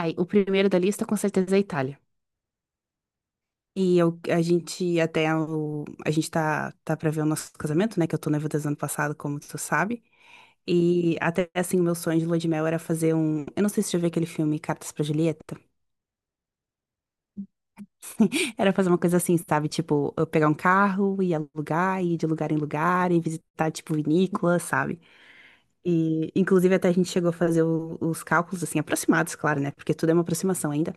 Ai, o primeiro da lista com certeza é a Itália. E eu, a gente até o, A gente tá pra ver o nosso casamento, né? Que eu tô noiva desde o ano passado, como tu sabe. E até assim, o meu sonho de lua de mel era fazer um. Eu não sei se você já viu aquele filme Cartas pra Julieta. Era fazer uma coisa assim, sabe? Tipo, eu pegar um carro, ir alugar, ir de lugar em lugar, e visitar, tipo, vinícola, sabe? E, inclusive, até a gente chegou a fazer os cálculos, assim, aproximados, claro, né? Porque tudo é uma aproximação ainda.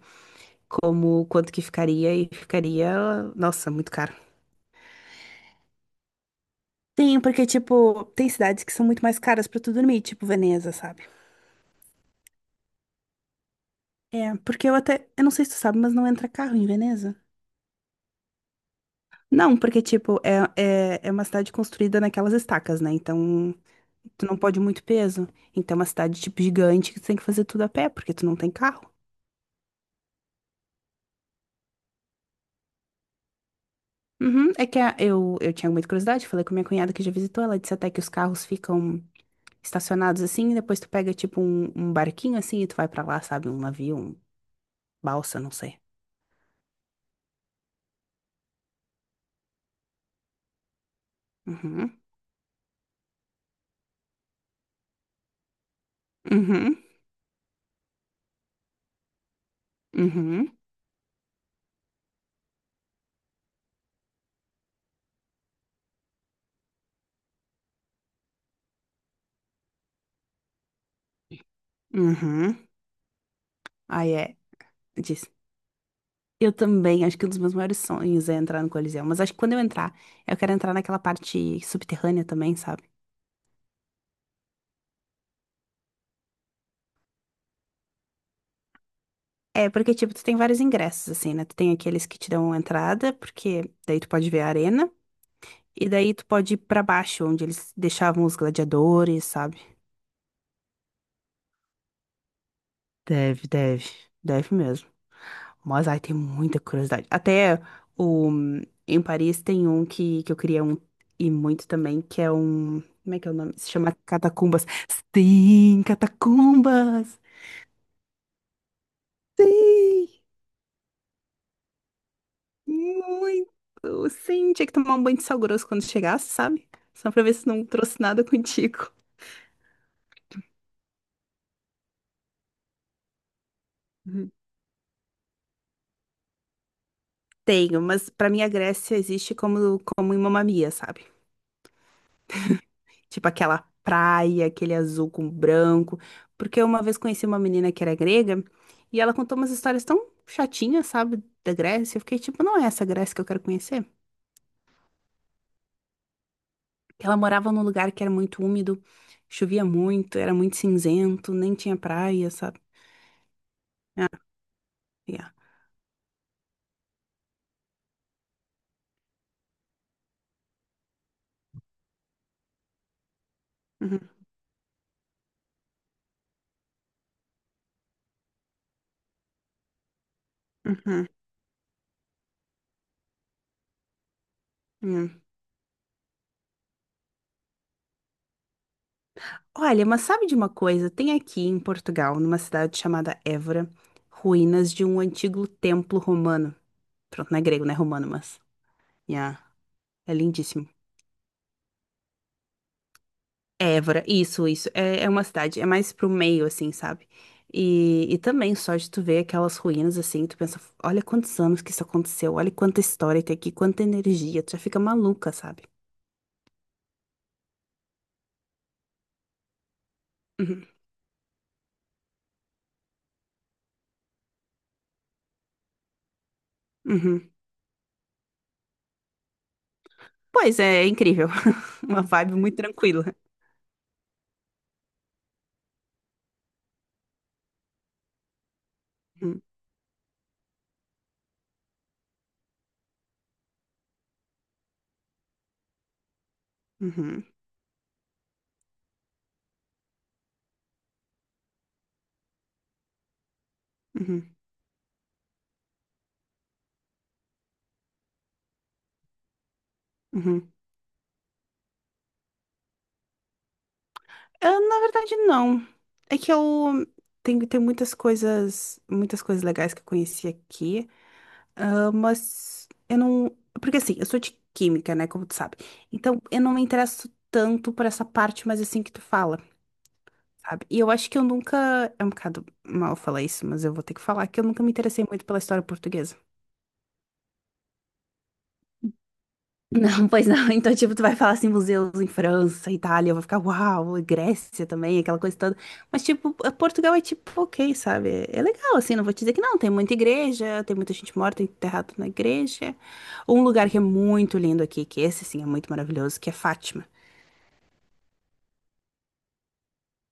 Como quanto que ficaria e ficaria, nossa, muito caro. Sim, porque, tipo, tem cidades que são muito mais caras pra tu dormir, tipo Veneza, sabe? É, porque eu até. Eu não sei se tu sabe, mas não entra carro em Veneza. Não, porque, tipo, é uma cidade construída naquelas estacas, né? Então, tu não pode muito peso. Então, é uma cidade, tipo, gigante que tu tem que fazer tudo a pé, porque tu não tem carro. Uhum, é que eu tinha muita curiosidade, falei com minha cunhada que já visitou, ela disse até que os carros ficam estacionados assim, e depois tu pega tipo um barquinho assim e tu vai pra lá, sabe? Um navio, um balsa, não sei. Uhum, uhum, uhum, uhum. Aí é, disse. Eu também, acho que um dos meus maiores sonhos é entrar no Coliseu, mas acho que quando eu entrar, eu quero entrar naquela parte subterrânea também, sabe? É, porque tipo, tu tem vários ingressos assim, né? Tu tem aqueles que te dão entrada, porque daí tu pode ver a arena. E daí tu pode ir pra baixo, onde eles deixavam os gladiadores, sabe? Deve, deve. Deve mesmo. Mas, ai, tem muita curiosidade. O, Em Paris tem um que eu queria ir muito também, que é um. Como é que é o nome? Se chama Catacumbas. Sim, Catacumbas! Sim! Muito! Sim, tinha que tomar um banho de sal grosso quando chegasse, sabe? Só pra ver se não trouxe nada contigo. Uhum. Tenho, mas pra mim a Grécia existe como em Mamma Mia, sabe? Tipo aquela praia, aquele azul com branco. Porque eu uma vez conheci uma menina que era grega e ela contou umas histórias tão chatinhas, sabe, da Grécia. Eu fiquei tipo, não é essa Grécia que eu quero conhecer. Ela morava num lugar que era muito úmido, chovia muito, era muito cinzento, nem tinha praia, sabe? Yeah. Uhum, uhum, uhum. Olha, mas sabe de uma coisa? Tem aqui em Portugal, numa cidade chamada Évora, ruínas de um antigo templo romano. Pronto, não é grego, não é romano, mas. Yeah, é lindíssimo. Évora, isso, isso. É uma cidade, é mais pro meio, assim, sabe? E também só de tu ver aquelas ruínas, assim, tu pensa, olha quantos anos que isso aconteceu, olha quanta história tem aqui, quanta energia, tu já fica maluca, sabe? Uhum, uhum. Pois é. Incrível. Uma vibe muito tranquila. Uhum, uhum, uhum, uhum. Ah, na verdade, não. É que eu. Tem muitas coisas legais que eu conheci aqui. Ah, mas eu não. Porque assim, eu sou de química, né? Como tu sabe. Então, eu não me interesso tanto por essa parte, mas assim que tu fala, sabe? E eu acho que eu nunca. É um bocado mal falar isso, mas eu vou ter que falar que eu nunca me interessei muito pela história portuguesa. Não, pois não. Então, tipo, tu vai falar assim, museus em França, Itália, eu vou ficar, uau, e Grécia também, aquela coisa toda. Mas, tipo, Portugal é tipo, ok, sabe? É legal, assim, não vou te dizer que não. Tem muita igreja, tem muita gente morta enterrada na igreja. Um lugar que é muito lindo aqui, que esse, sim, é muito maravilhoso, que é Fátima.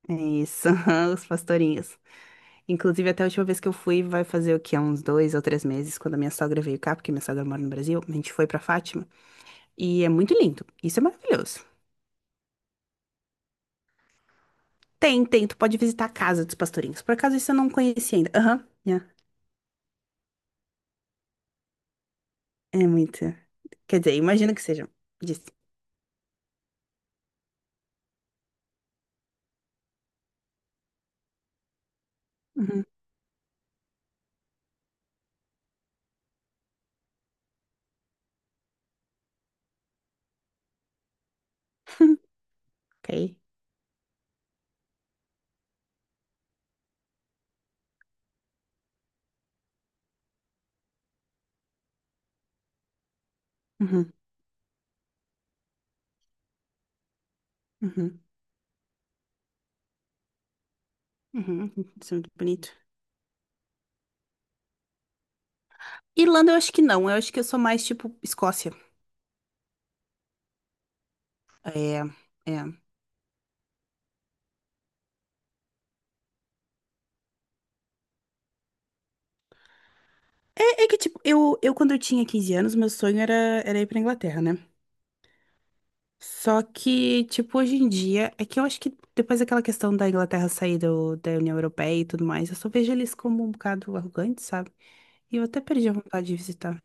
É isso, os pastorinhos. Inclusive, até a última vez que eu fui, vai fazer o quê? Uns 2 ou 3 meses, quando a minha sogra veio cá, porque minha sogra mora no Brasil, a gente foi pra Fátima. E é muito lindo. Isso é maravilhoso. Tem, tem. Tu pode visitar a casa dos pastorinhos. Por acaso isso eu não conhecia ainda. Aham. Yeah. É muito. Quer dizer, imagino que sejam. Disse. Uhum. Ok. Uhum. Uhum. Uhum. Isso é muito bonito. Irlanda eu acho que não. Eu acho que eu sou mais tipo Escócia. É. É. É que, tipo, eu quando eu tinha 15 anos, meu sonho era ir pra Inglaterra, né? Só que, tipo, hoje em dia, é que eu acho que depois daquela questão da Inglaterra sair da União Europeia e tudo mais, eu só vejo eles como um bocado arrogantes, sabe? E eu até perdi a vontade de visitar.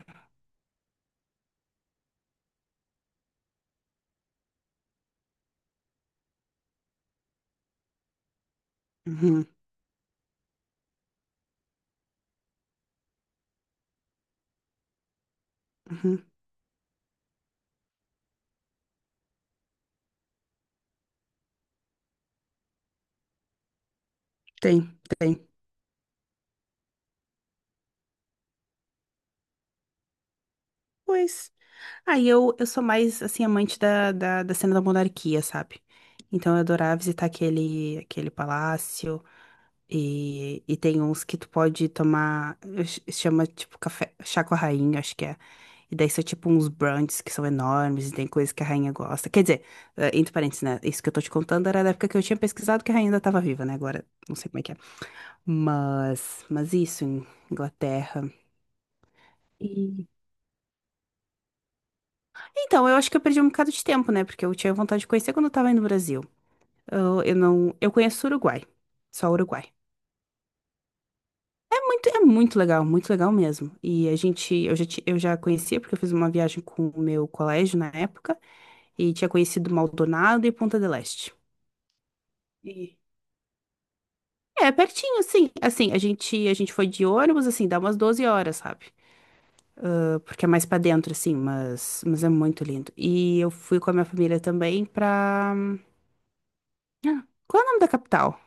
Uhum, uhum. Tem, tem. Pois. Aí eu sou mais, assim, amante da cena da monarquia, sabe? Então eu adorava visitar aquele palácio. E tem uns que tu pode tomar. Chama, tipo, café, chá com a rainha, acho que é. E daí são, tipo, uns brunches que são enormes. E tem coisas que a rainha gosta. Quer dizer, entre parênteses, né? Isso que eu tô te contando era da época que eu tinha pesquisado que a rainha ainda tava viva, né? Agora, não sei como é que. Mas isso, em Inglaterra. E então, eu acho que eu perdi um bocado de tempo, né? Porque eu tinha vontade de conhecer quando eu tava aí no Brasil. Eu não, eu conheço o Uruguai, só o Uruguai. É muito legal mesmo. E a gente, eu já, ti- eu já conhecia porque eu fiz uma viagem com o meu colégio na época e tinha conhecido Maldonado e Ponta del Este. e- É, pertinho, sim. Assim, a gente foi de ônibus, assim, dá umas 12 horas, sabe? Porque é mais pra dentro, assim, mas é muito lindo. E eu fui com a minha família também pra. Ah, qual é o nome da capital?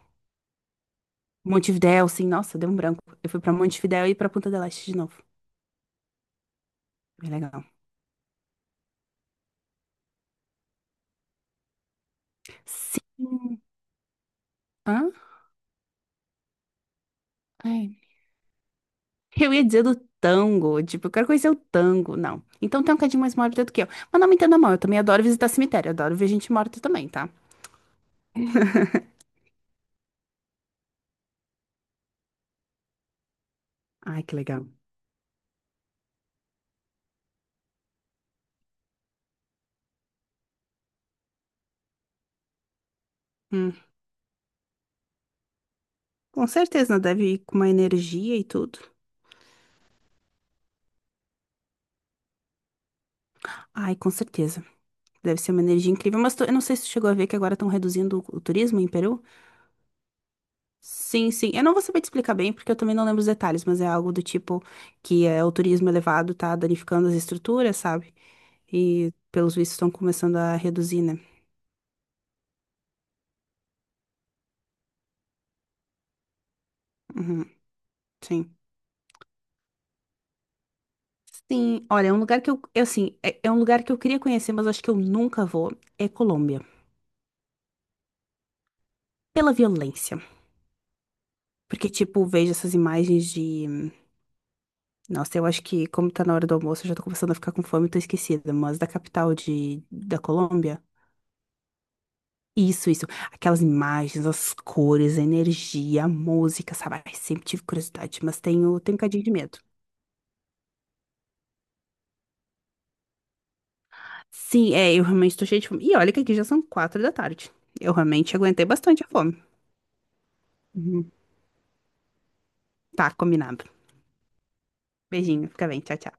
Montevidéu, sim, nossa, deu um branco. Eu fui pra Montevidéu e pra Punta del Este de novo. Bem legal. Sim. Hã? Ai. Eu ia dizer do tango, tipo, eu quero conhecer o tango. Não. Então tem um bocadinho mais mórbido do que eu. Mas não me entenda mal, eu também adoro visitar cemitério, adoro ver gente morta também, tá? Ai, que legal. Hum, com certeza, deve ir com uma energia e tudo. Ai, com certeza. Deve ser uma energia incrível, mas eu não sei se tu chegou a ver que agora estão reduzindo o turismo em Peru. Sim, sim. Eu não vou saber te explicar bem, porque eu também não lembro os detalhes, mas é algo do tipo que é, o turismo elevado tá danificando as estruturas, sabe? E pelos vistos estão começando a reduzir, né? Uhum, sim. Sim, olha, é um lugar que eu, assim, é um lugar que eu queria conhecer, mas acho que eu nunca vou, é Colômbia. Pela violência. Porque, tipo, vejo essas imagens de. Nossa, eu acho que, como tá na hora do almoço, eu já tô começando a ficar com fome e tô esquecida, mas da capital da Colômbia. Isso, isso. Aquelas imagens, as cores, a energia, a música, sabe? Ai, sempre tive curiosidade, mas tenho um bocadinho de medo. Sim, é, eu realmente tô cheia de fome. E olha que aqui já são 4 da tarde. Eu realmente aguentei bastante a fome. Uhum. Tá, combinado. Beijinho, fica bem, tchau, tchau.